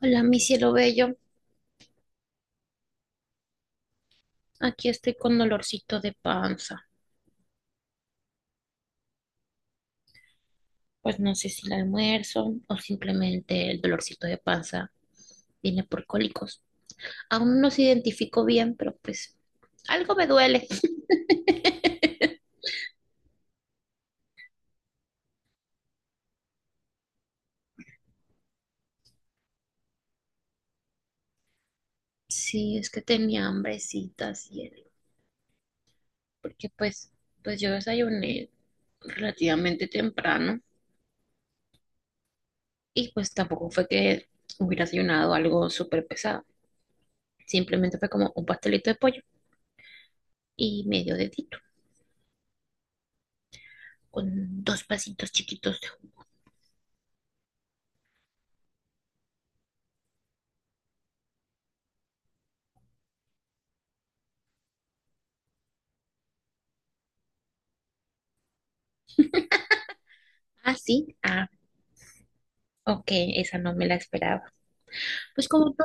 Hola, mi cielo bello. Aquí estoy con dolorcito de panza. Pues no sé si el almuerzo o simplemente el dolorcito de panza viene por cólicos. Aún no se identifico bien, pero pues algo me duele. Sí, es que tenía hambrecita, cielo. Porque pues yo desayuné relativamente temprano y pues tampoco fue que hubiera desayunado algo súper pesado. Simplemente fue como un pastelito de pollo y medio dedito, con dos pasitos chiquitos de. Ah, sí. Ah, ok, esa no me la esperaba. Pues como tú,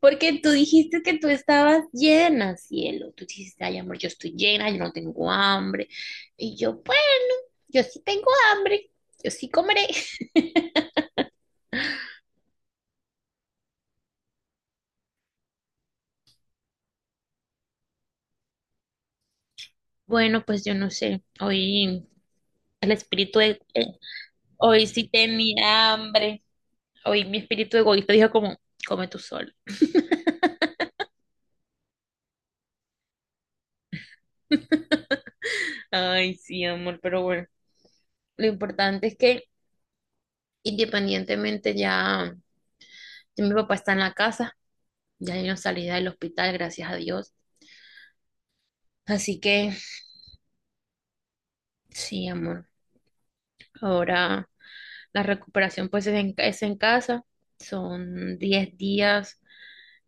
porque tú dijiste que tú estabas llena, cielo. Tú dijiste, ay, amor, yo estoy llena, yo no tengo hambre. Y yo, pues, yo sí tengo hambre, yo sí comeré. Bueno, pues yo no sé, hoy el espíritu de... hoy sí tenía hambre. Hoy mi espíritu egoísta dijo como, come tú solo. Ay, sí, amor, pero bueno, lo importante es que independientemente ya, ya mi papá está en la casa, ya yo no salí del hospital, gracias a Dios. Así que sí, amor. Ahora la recuperación pues es en casa. Son 10 días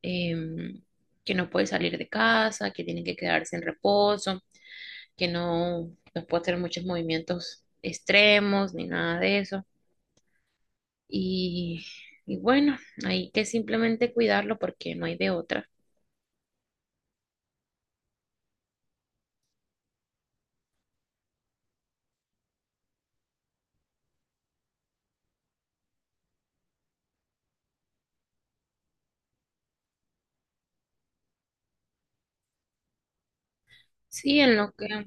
em, que no puede salir de casa, que tiene que quedarse en reposo, que no puede hacer muchos movimientos extremos ni nada de eso. Y, y bueno, hay que simplemente cuidarlo porque no hay de otra. Sí, en lo que...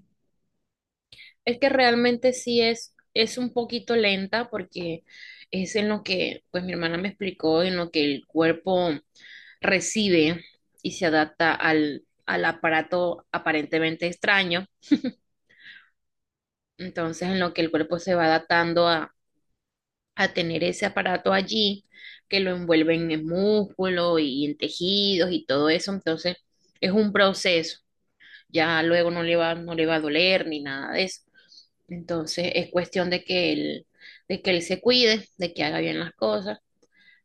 Es que realmente sí es un poquito lenta porque es en lo que, pues mi hermana me explicó, en lo que el cuerpo recibe y se adapta al aparato aparentemente extraño. Entonces, en lo que el cuerpo se va adaptando a tener ese aparato allí, que lo envuelven en músculo y en tejidos y todo eso. Entonces, es un proceso. Ya luego no le va a doler ni nada de eso. Entonces es cuestión de que él se cuide, de que haga bien las cosas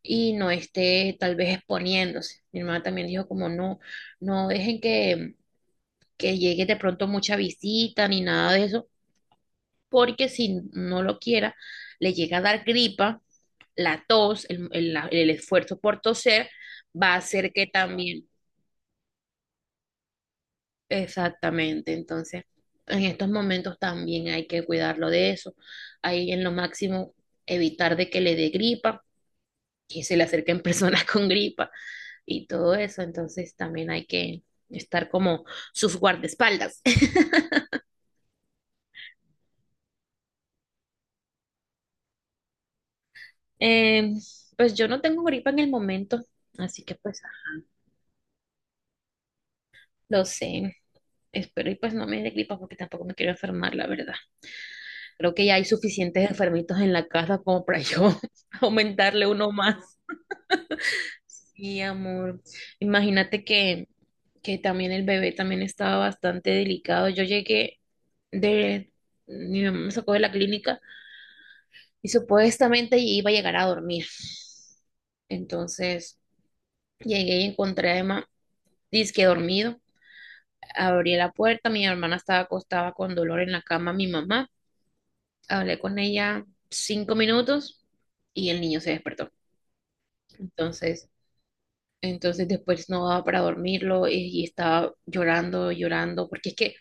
y no esté tal vez exponiéndose. Mi hermana también dijo como no, no dejen que llegue de pronto mucha visita ni nada de eso, porque si no lo quiera, le llega a dar gripa, la tos, el esfuerzo por toser, va a hacer que. Claro, también, exactamente, entonces en estos momentos también hay que cuidarlo de eso. Hay en lo máximo evitar de que le dé gripa, que se le acerquen personas con gripa y todo eso, entonces también hay que estar como sus guardaespaldas. Eh, pues yo no tengo gripa en el momento, así que pues lo sé. Espero y pues no me dé gripa porque tampoco me quiero enfermar, la verdad. Creo que ya hay suficientes enfermitos en la casa como para yo aumentarle uno más. Sí, amor. Imagínate que también el bebé también estaba bastante delicado. Yo llegué de, mi mamá me sacó de la clínica y supuestamente iba a llegar a dormir. Entonces llegué y encontré a Emma, dizque dormido. Abrí la puerta, mi hermana estaba acostada con dolor en la cama, mi mamá. Hablé con ella 5 minutos y el niño se despertó. Entonces, Entonces después no daba para dormirlo, y estaba llorando, porque es que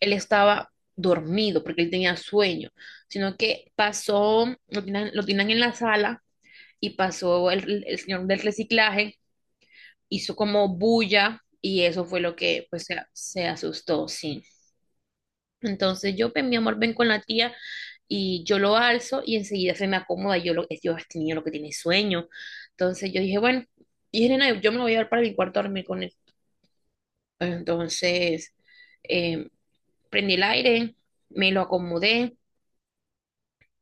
él estaba dormido, porque él tenía sueño, sino que pasó, lo tenían en la sala y pasó el señor del reciclaje, hizo como bulla y eso fue lo que pues se asustó, sí. Entonces yo, pues, mi amor, ven con la tía y yo lo alzo y enseguida se me acomoda, yo, lo, yo este niño lo que tiene es sueño. Entonces yo dije, bueno, y dije, nena, yo me lo voy a llevar para mi cuarto a dormir con él. Entonces, eh, prendí el aire, me lo acomodé,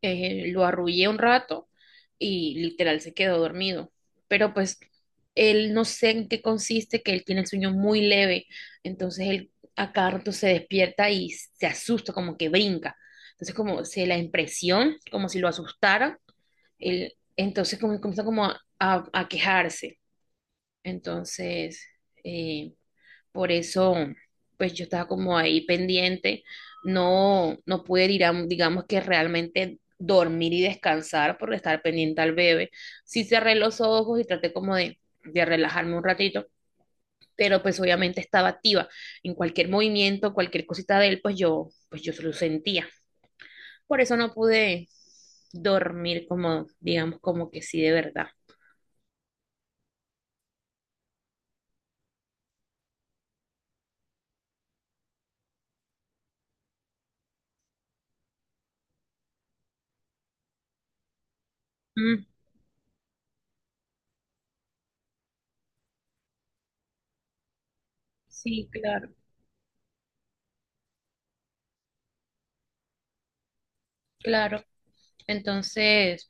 lo arrullé un rato y literal se quedó dormido. Pero pues él no sé en qué consiste, que él tiene el sueño muy leve, entonces él a cada rato se despierta y se asusta, como que brinca. Entonces como se la impresión, como si lo asustara, él entonces como, comienza como a quejarse. Entonces... eh, por eso, pues yo estaba como ahí pendiente, no pude, digamos que realmente dormir y descansar por estar pendiente al bebé. Sí cerré los ojos y traté como de relajarme un ratito, pero pues obviamente estaba activa. En cualquier movimiento, cualquier cosita de él, pues yo se lo sentía. Por eso no pude dormir como, digamos, como que sí de verdad. Mm, sí, claro, claro. Entonces...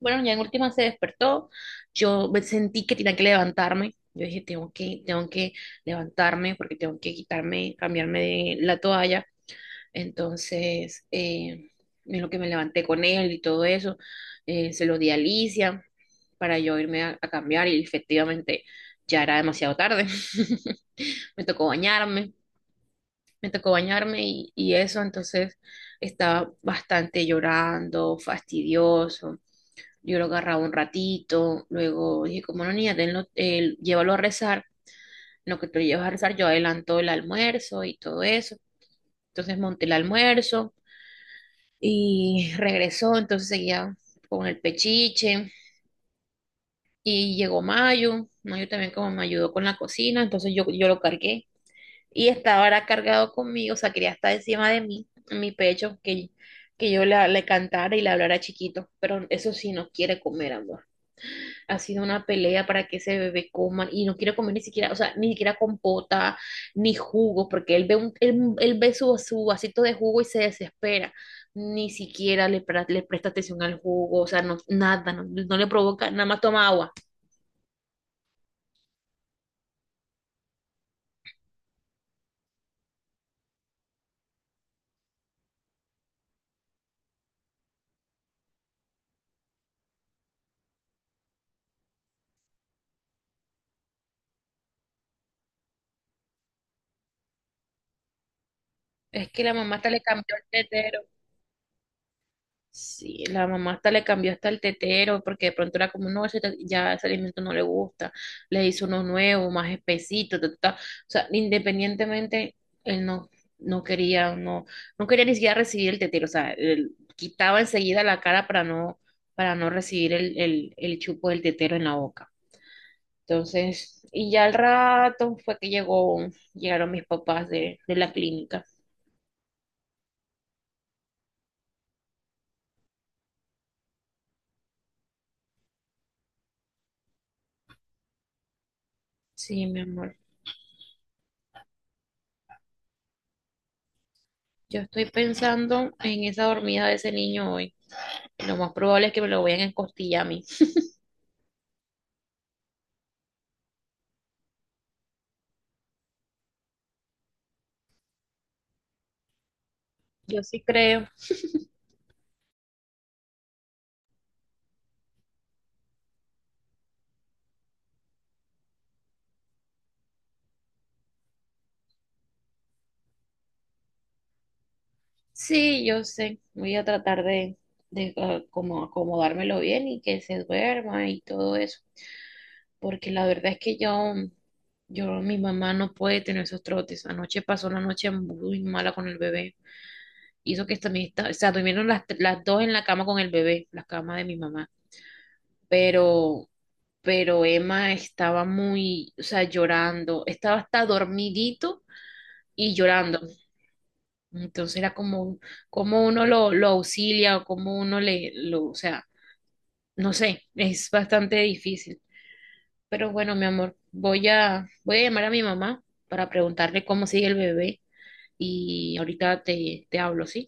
Bueno, ya en última se despertó. Yo me sentí que tenía que levantarme. Yo dije, tengo que levantarme porque tengo que quitarme, cambiarme de la toalla. Entonces, en lo que me levanté con él y todo eso, se lo di a Alicia para yo irme a cambiar y efectivamente ya era demasiado tarde. Me tocó bañarme, me tocó bañarme y eso, entonces estaba bastante llorando, fastidioso. Yo lo agarraba un ratito, luego dije, como no, niña, tenlo, llévalo a rezar. En lo que tú lo llevas a rezar, yo adelanto el almuerzo y todo eso. Entonces monté el almuerzo y regresó, entonces seguía con el pechiche y llegó Mayo. Mayo también como me ayudó con la cocina, entonces yo lo cargué y estaba ahora cargado conmigo, o sea, quería estar encima de mí, en mi pecho, que yo le cantara y le hablara chiquito, pero eso sí no quiere comer, amor. Ha sido una pelea para que ese bebé coma y no quiere comer ni siquiera, o sea, ni siquiera compota, ni jugo, porque él él ve su vasito de jugo y se desespera. Ni siquiera le presta atención al jugo, o sea, no, nada, no le provoca, nada más toma agua. Es que la mamá hasta le cambió el tetero. Sí, la mamá hasta le cambió hasta el tetero, porque de pronto era como, no, ese ya ese alimento no le gusta, le hizo uno nuevo, más espesito, ta, ta, ta. O sea, independientemente, él no, no quería, no, no quería ni siquiera recibir el tetero, o sea, él quitaba enseguida la cara para no recibir el chupo del tetero en la boca. Entonces, y ya al rato fue que llegaron mis papás de la clínica. Sí, mi amor. Yo estoy pensando en esa dormida de ese niño hoy. Lo más probable es que me lo vayan a encostillar a mí. Yo sí creo. Sí, yo sé. Voy a tratar de, como acomodármelo bien y que se duerma y todo eso. Porque la verdad es que mi mamá no puede tener esos trotes. Anoche pasó una noche muy mala con el bebé. Hizo que también está, o sea, durmieron las dos en la cama con el bebé, la cama de mi mamá. Pero, pero Emma estaba muy, o sea, llorando. Estaba hasta dormidito y llorando. Entonces era como, como uno lo auxilia o como uno o sea, no sé, es bastante difícil. Pero bueno, mi amor, voy a llamar a mi mamá para preguntarle cómo sigue el bebé y ahorita te hablo, ¿sí?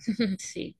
Sí.